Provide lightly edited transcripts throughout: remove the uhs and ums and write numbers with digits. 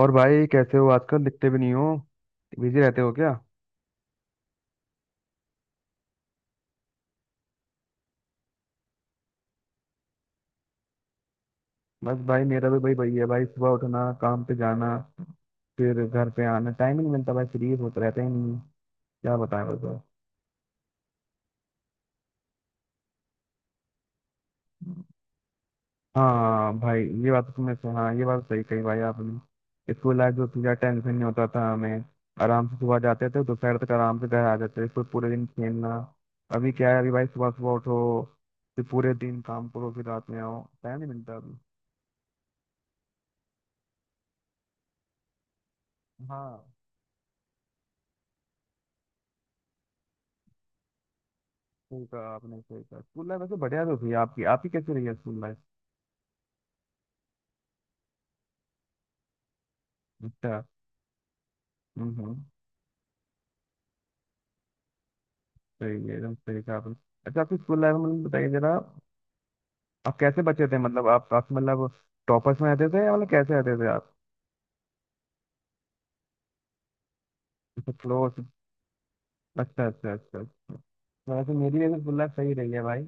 और भाई कैसे हो? आजकल दिखते भी नहीं हो। बिजी रहते हो क्या? बस भाई, मेरा भी भाई वही है, भाई सुबह उठना, काम पे जाना, फिर घर पे आना। टाइम ही नहीं मिलता भाई, फ्री होता रहता ही नहीं है। क्या बताएं, बताओ। हाँ भाई, ये बात तो हाँ, ये बात सही कही भाई आपने। स्कूल लाइफ जो थी, ज़्यादा टेंशन नहीं होता था हमें। आराम से सुबह जाते थे, दोपहर तक आराम से घर आ जाते थे, फिर पूरे दिन खेलना। अभी क्या है, अभी भाई सुबह सुबह उठो, फिर पूरे दिन काम करो, फिर रात में आओ। टाइम नहीं मिलता अभी। हाँ, स्कूल का आपने सही कहा। स्कूल लाइफ वैसे बढ़िया तो थी आपकी आपकी कैसी रही है स्कूल लाइफ? अच्छा। हम्म, हम्म। सही है, एकदम सही कहा आपने। अच्छा, आपकी स्कूल लाइफ में बताइए जरा, आप कैसे बच्चे थे? मतलब, आप मतलब टॉपर्स में रहते थे? या मतलब कैसे रहते थे आप? क्लोज। अच्छा अच्छा अच्छा अच्छा। वैसे मेरी, वैसे स्कूल लाइफ सही रही है भाई।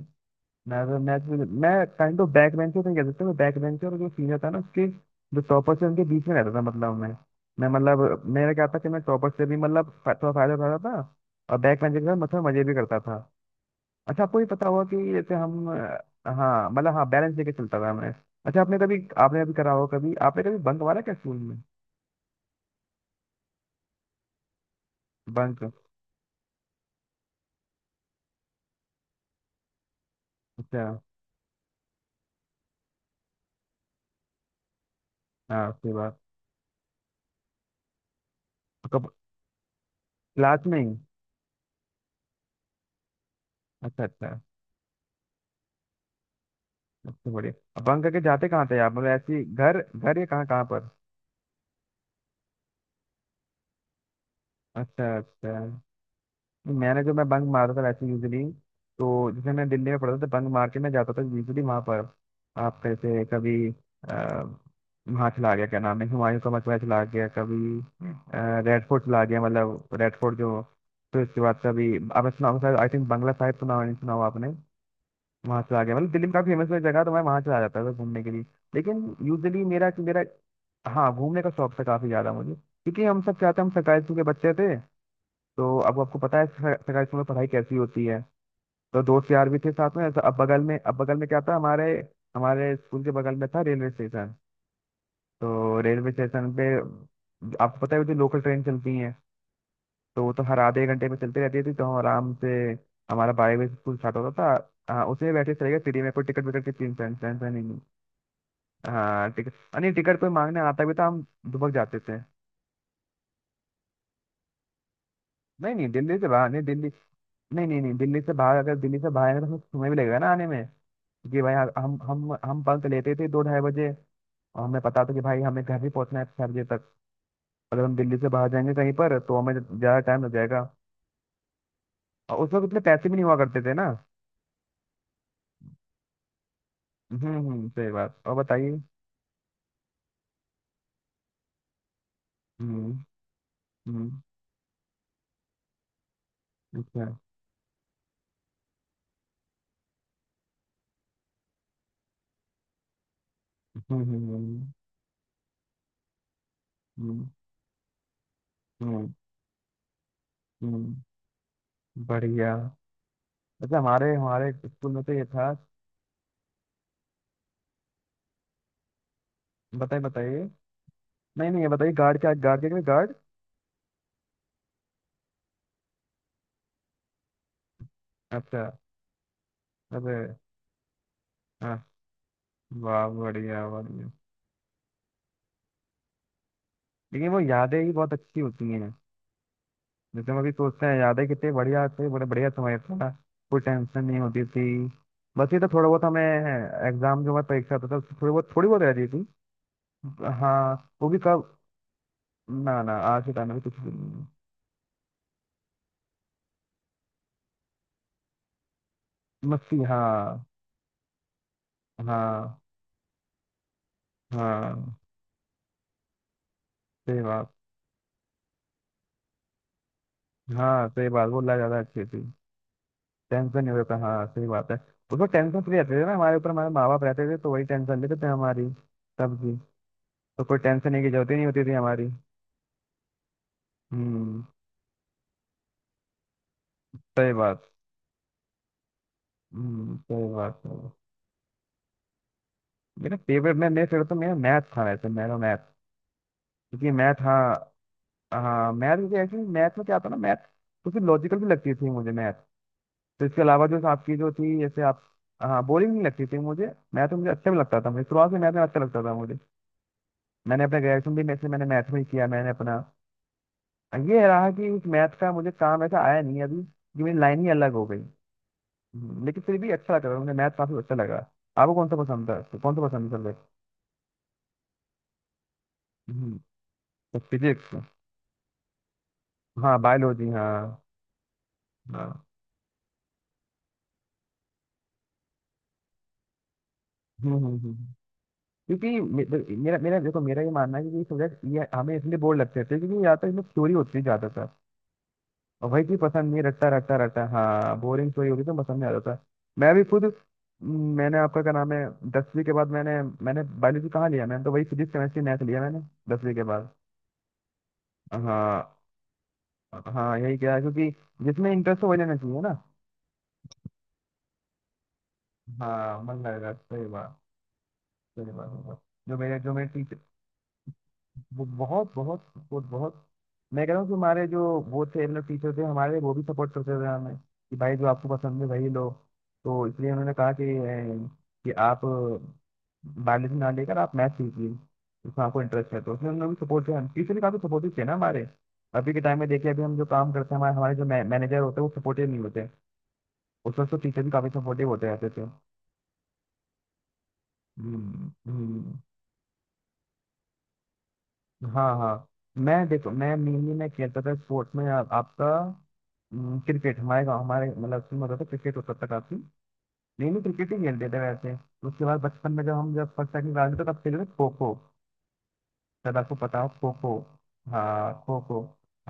मैं काइंड ऑफ बैक बेंचर नहीं कह सकता। मैं बैक बेंचर और जो सीनियर था ना उसके, जो टॉपर, से उनके बीच में रहता था। मतलब मैं मतलब, मेरा क्या था कि मैं टॉपर से भी मतलब थोड़ा फायदा उठाता था। और बैक बेंचर के साथ मतलब मजे भी करता था। अच्छा, आपको भी पता होगा कि जैसे हम हाँ मतलब हाँ, बैलेंस लेके चलता था मैं। अच्छा, आपने कभी, आपने अभी करा होगा, कभी आपने कभी बंक मारा क्या स्कूल में? बंक। अच्छा, हाँ सही बात। कब? क्लास में ही? अच्छा, अच्छा। सबसे बढ़िया बंक करके जाते कहाँ थे आप? मतलब ऐसे ही घर घर, या कहाँ कहाँ? अच्छा अच्छा। नहीं, मैंने जो मैं बंक मारता था वैसे यूजली, तो जैसे मैं दिल्ली में पढ़ता था, बंक मार के मैं जाता था यूजली वहाँ पर। आप कैसे कभी? आ, वहाँ चला गया, क्या नाम है, हुमायूं का मकबरा चला गया कभी। रेड फोर्ट चला गया। मतलब रेड फोर्ट जो, फिर उसके बाद कभी, आपने सुना होगा, आई थिंक बंगला साहिब नहीं सुना हुआ आपने? वहाँ चला गया। मतलब दिल्ली में काफ़ी फेमस हुई जगह, तो मैं वहाँ चला जाता था घूमने के लिए। लेकिन यूजली मेरा मेरा हाँ घूमने का शौक था काफ़ी ज़्यादा मुझे। क्योंकि हम सब क्या था, हम सरकारी स्कूल के बच्चे थे। तो अब आपको पता है, सरकारी स्कूल में पढ़ाई कैसी होती है। तो दोस्त यार भी थे साथ में, तो अब बगल में क्या था हमारे, हमारे स्कूल के बगल में था रेलवे स्टेशन। तो रेलवे स्टेशन पे, आपको पता है जो लोकल ट्रेन चलती हैं, तो वो तो हर आधे घंटे में चलती रहती थी। तो हम आराम से, हमारा 12 बजे स्कूल स्टार्ट होता था, हाँ उसी में बैठे चले गए फ्री में। कोई टिकट विकट की टेंशन, टेंशन ही नहीं। हाँ टिकट नहीं टिकट कोई मांगने आता भी था, हम दुबक जाते थे। नहीं नहीं, दिल्ली से बाहर नहीं, दिल्ली। नहीं नहीं नहीं, दिल्ली से बाहर, अगर दिल्ली से बाहर आएंगे तो हमें समय भी लगेगा ना आने में। जी भाई, हाँ, हम बंक लेते थे दो ढाई बजे। और हमें पता था कि भाई हमें घर भी पहुंचना है 6 बजे तक। अगर हम दिल्ली से बाहर जाएंगे कहीं पर, तो हमें ज़्यादा टाइम लग जाएगा। और उस वक्त इतने पैसे भी नहीं हुआ करते थे ना। हम्म, सही बात। और बताइए। हम्म हम्म। अच्छा। हम्म हम्म हम्म हम्म हम्म, हम्म, बढ़िया। अच्छा, हमारे हमारे स्कूल में तो ये था। बताइए बताइए। नहीं नहीं, ये बताइए, गार्ड क्या, गार्ड क्या, गार्ड? अच्छा। अरे। हाँ। वाह, बढ़िया बढ़िया। लेकिन वो यादें ही बहुत अच्छी होती हैं। जैसे हम अभी सोचते हैं, यादें कितनी बढ़िया थे, बड़े बढ़िया समय था। कोई टेंशन नहीं होती थी। बस ये तो थोड़ा बहुत हमें एग्जाम, जो हमारी परीक्षा होता था, उसमें थोड़ी बहुत रहती थी। हाँ वो भी कब। ना ना, आज के टाइम में कुछ भी नहीं है। मस्ती, हाँ। हाँ हाँ, सही बात। हाँ सही बात, वो लग ज्यादा अच्छी थी। टेंशन नहीं होता, हाँ सही बात है। उसमें टेंशन फ्री रहते थे ना, हमारे ऊपर हमारे माँ बाप रहते थे, तो वही टेंशन लेते थे हमारी, तब की। तो कोई टेंशन की जरूरत ही नहीं होती थी हमारी। हम्म, सही बात। सही बात है। मेरा फेवरेट मैं मेरे फेवरेट तो, मेरा मैथ था, वैसे मेरा मैथ, क्योंकि मैथ, हाँ। हाँ मैथ, क्योंकि एक्चुअली मैथ में क्या था ना, मैथ कुछ लॉजिकल भी लगती थी मुझे मैथ। तो इसके अलावा जो आपकी जो थी, जैसे आप, हाँ बोरिंग नहीं लगती थी मुझे। मैथ मुझे अच्छा भी लगता था, मुझे शुरुआत से मैथ में अच्छा लगता था मुझे। मैंने अपना ग्रेजुएशन भी मैथ, मैंने मैथ में ही किया मैंने अपना। ये रहा कि उस मैथ का मुझे काम ऐसा आया नहीं अभी, कि मेरी लाइन ही अलग हो गई। लेकिन फिर भी अच्छा लगा मुझे, मैथ काफी अच्छा लगा। आपको कौन सा पसंद था, कौन सा पसंद था? फिजिक्स, हाँ। बायोलॉजी, हाँ हाँ। हम्म हम्म हम्म, हम्म। क्योंकि मेरा मेरा देखो, मेरा ये मानना है कि ये सब्जेक्ट ये हमें इसलिए बोर लगते थे, क्योंकि या तो इसमें थ्योरी होती है ज्यादातर, और वही चीज पसंद नहीं, रटता रटता रटता, हाँ बोरिंग थ्योरी होती तो पसंद नहीं आता था। मैं भी खुद, म, मैंने, आपका क्या नाम है, 10वीं के बाद मैंने मैंने बायोलॉजी कहाँ लिया? मैंने तो वही फिजिक्स केमिस्ट्री मैथ लिया मैंने, 10वीं के बाद। हाँ हाँ, यही क्या है, क्योंकि जिसमें इंटरेस्ट हो वही लेना चाहिए ना। हाँ मन लगेगा, सही बात। सही बात, सही बात। जो मेरे टीचर वो बहुत बहुत सपोर्ट, बहुत। मैं कह रहा हूँ कि हमारे जो वो थे, मतलब टीचर थे हमारे, वो भी सपोर्ट करते थे हमें कि भाई जो आपको पसंद है वही लो। तो इसलिए उन्होंने कहा कि कि आप बायोलॉजी ना लेकर आप मैथ लीजिए, उसमें आपको इंटरेस्ट है। तो उसमें उन्होंने भी सपोर्ट किया, टीचर भी काफी सपोर्टिव थे ना हमारे। अभी के टाइम में देखिए, अभी हम जो काम करते हैं, हमारे हमारे जो मैनेजर होते हैं वो सपोर्टिव नहीं होते। उस वक्त तो टीचर भी काफी सपोर्टिव होते रहते थे। हम्म। हाँ हाँ। मैं देखो, मैं मेनली मैं खेलता था स्पोर्ट्स में। आपका, क्रिकेट। हमारे गाँव हमारे मतलब उसमें होता था, क्रिकेट होता था काफी, मेनली क्रिकेट ही खेलते थे वैसे। उसके बाद बचपन में, जब फर्स्ट सेकंड क्लास में थे, तब खेलते थे खो खो। शायद आपको पता हो खो खो। हाँ, खो खो।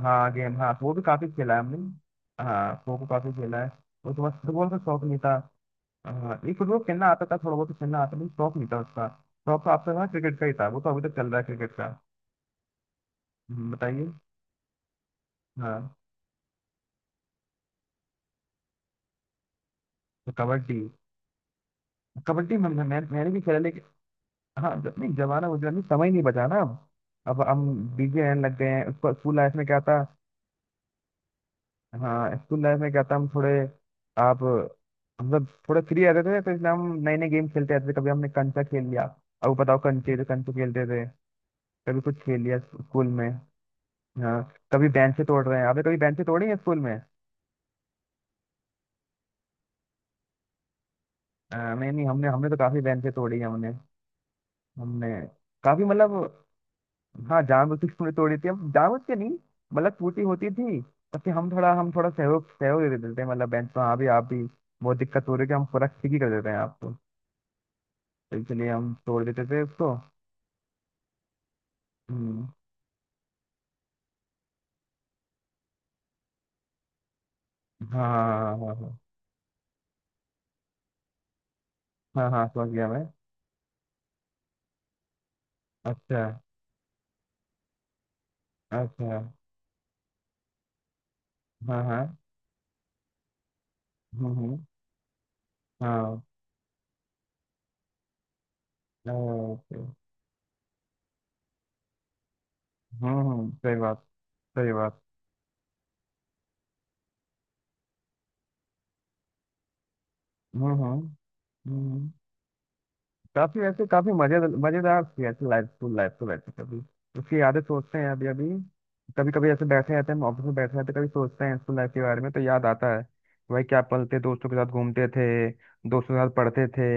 हाँ गेम, हाँ, वो भी काफी खेला है हमने। हाँ खो खो काफी खेला है। उसके बाद फुटबॉल का शौक नहीं था। हाँ, ये फुटबॉल खेलना आता था, थोड़ा बहुत तो खेलना आता था, लेकिन शौक नहीं था उसका। शौक तो आपका था क्रिकेट का ही, था, वो तो अभी तक चल रहा है क्रिकेट का। बताइए। हाँ, तो कबड्डी। कबड्डी मैंने भी खेला, लेकिन हाँ जब नहीं, जमाना गुजरा नहीं, समय नहीं बचा ना। अब हम बिजी रहने लग गए हैं, उसको स्कूल लाइफ में क्या था। हाँ, स्कूल लाइफ में क्या था, हम थोड़े, आप मतलब थोड़े फ्री रहते थे, तो इसलिए हम नए नए गेम खेलते रहते थे। कभी हमने कंचा खेल लिया, अब बताओ, कंचे तो कंचे खेलते थे, कभी कुछ खेल लिया स्कूल में। हाँ, कभी बेंचें तोड़ रहे हैं, आपने कभी बेंचें तोड़ी हैं स्कूल में? हाँ, नहीं नहीं, हमने हमने तो काफी बेंचें तोड़ी हैं हमने, हमने काफी मतलब, हाँ जानबूझ के हमने तोड़ी थी, अब जानबूझ के नहीं, मतलब टूटी होती थी, तब कि हम थोड़ा सहयोग सहयोग दे देते हैं, मतलब बेंच पर हाँ, भी आप भी बहुत दिक्कत हो रही है, कि हम पूरा ठीक ही कर देते हैं आपको। तो इसलिए हम तोड़ देते थे उसको। हम्म। हाँ हाँ हाँ हाँ हाँ हाँ हाँ, समझ गया मैं। अच्छा अच्छा। हाँ हाँ। हम्म। हाँ। ओके। हम्म, सही बात, सही बात। हम्म हम्म हम्म। काफी वैसे काफी मजे, मजेदार थी ऐसे लाइफ, स्कूल लाइफ तो, वैसे कभी उसकी यादें सोचते हैं अभी अभी, कभी कभी ऐसे बैठे रहते हैं हम, ऑफिस में बैठे रहते हैं, कभी सोचते हैं स्कूल लाइफ के बारे में तो याद आता है, भाई क्या पल थे, दोस्तों के साथ घूमते थे, दोस्तों के साथ पढ़ते थे,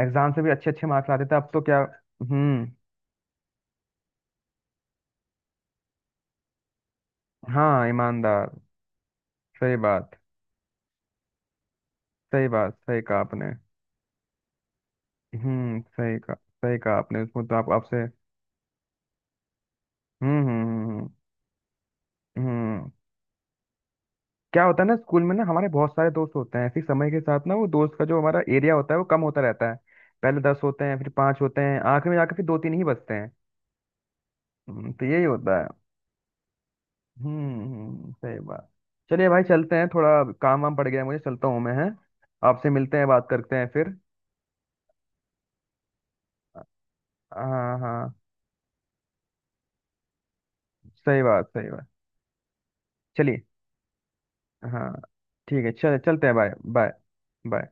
एग्जाम से भी अच्छे अच्छे मार्क्स आते थे, अब तो क्या। हम्म। हाँ, ईमानदार, सही बात, सही बात, सही कहा आपने। हम्म, सही कहा। सही कहा आपने, उसमें तो आप आपसे। हम्म हम्म हम्म, हम्म। क्या होता है ना, स्कूल में ना हमारे बहुत सारे दोस्त होते हैं, फिर समय के साथ ना वो दोस्त का जो हमारा एरिया होता है वो कम होता रहता है, पहले 10 होते हैं, फिर पांच होते हैं, आखिर में जाकर फिर दो तीन ही बचते हैं। तो यही होता है। सही बात। चलिए भाई, चलते हैं, थोड़ा काम वाम पड़ गया है, मुझे चलता हूँ मैं, हैं? आपसे मिलते हैं, बात करते हैं फिर। हाँ हाँ, सही बात, सही बात। चलिए, हाँ। ठीक है, चल चलते हैं। Bye bye. बाय।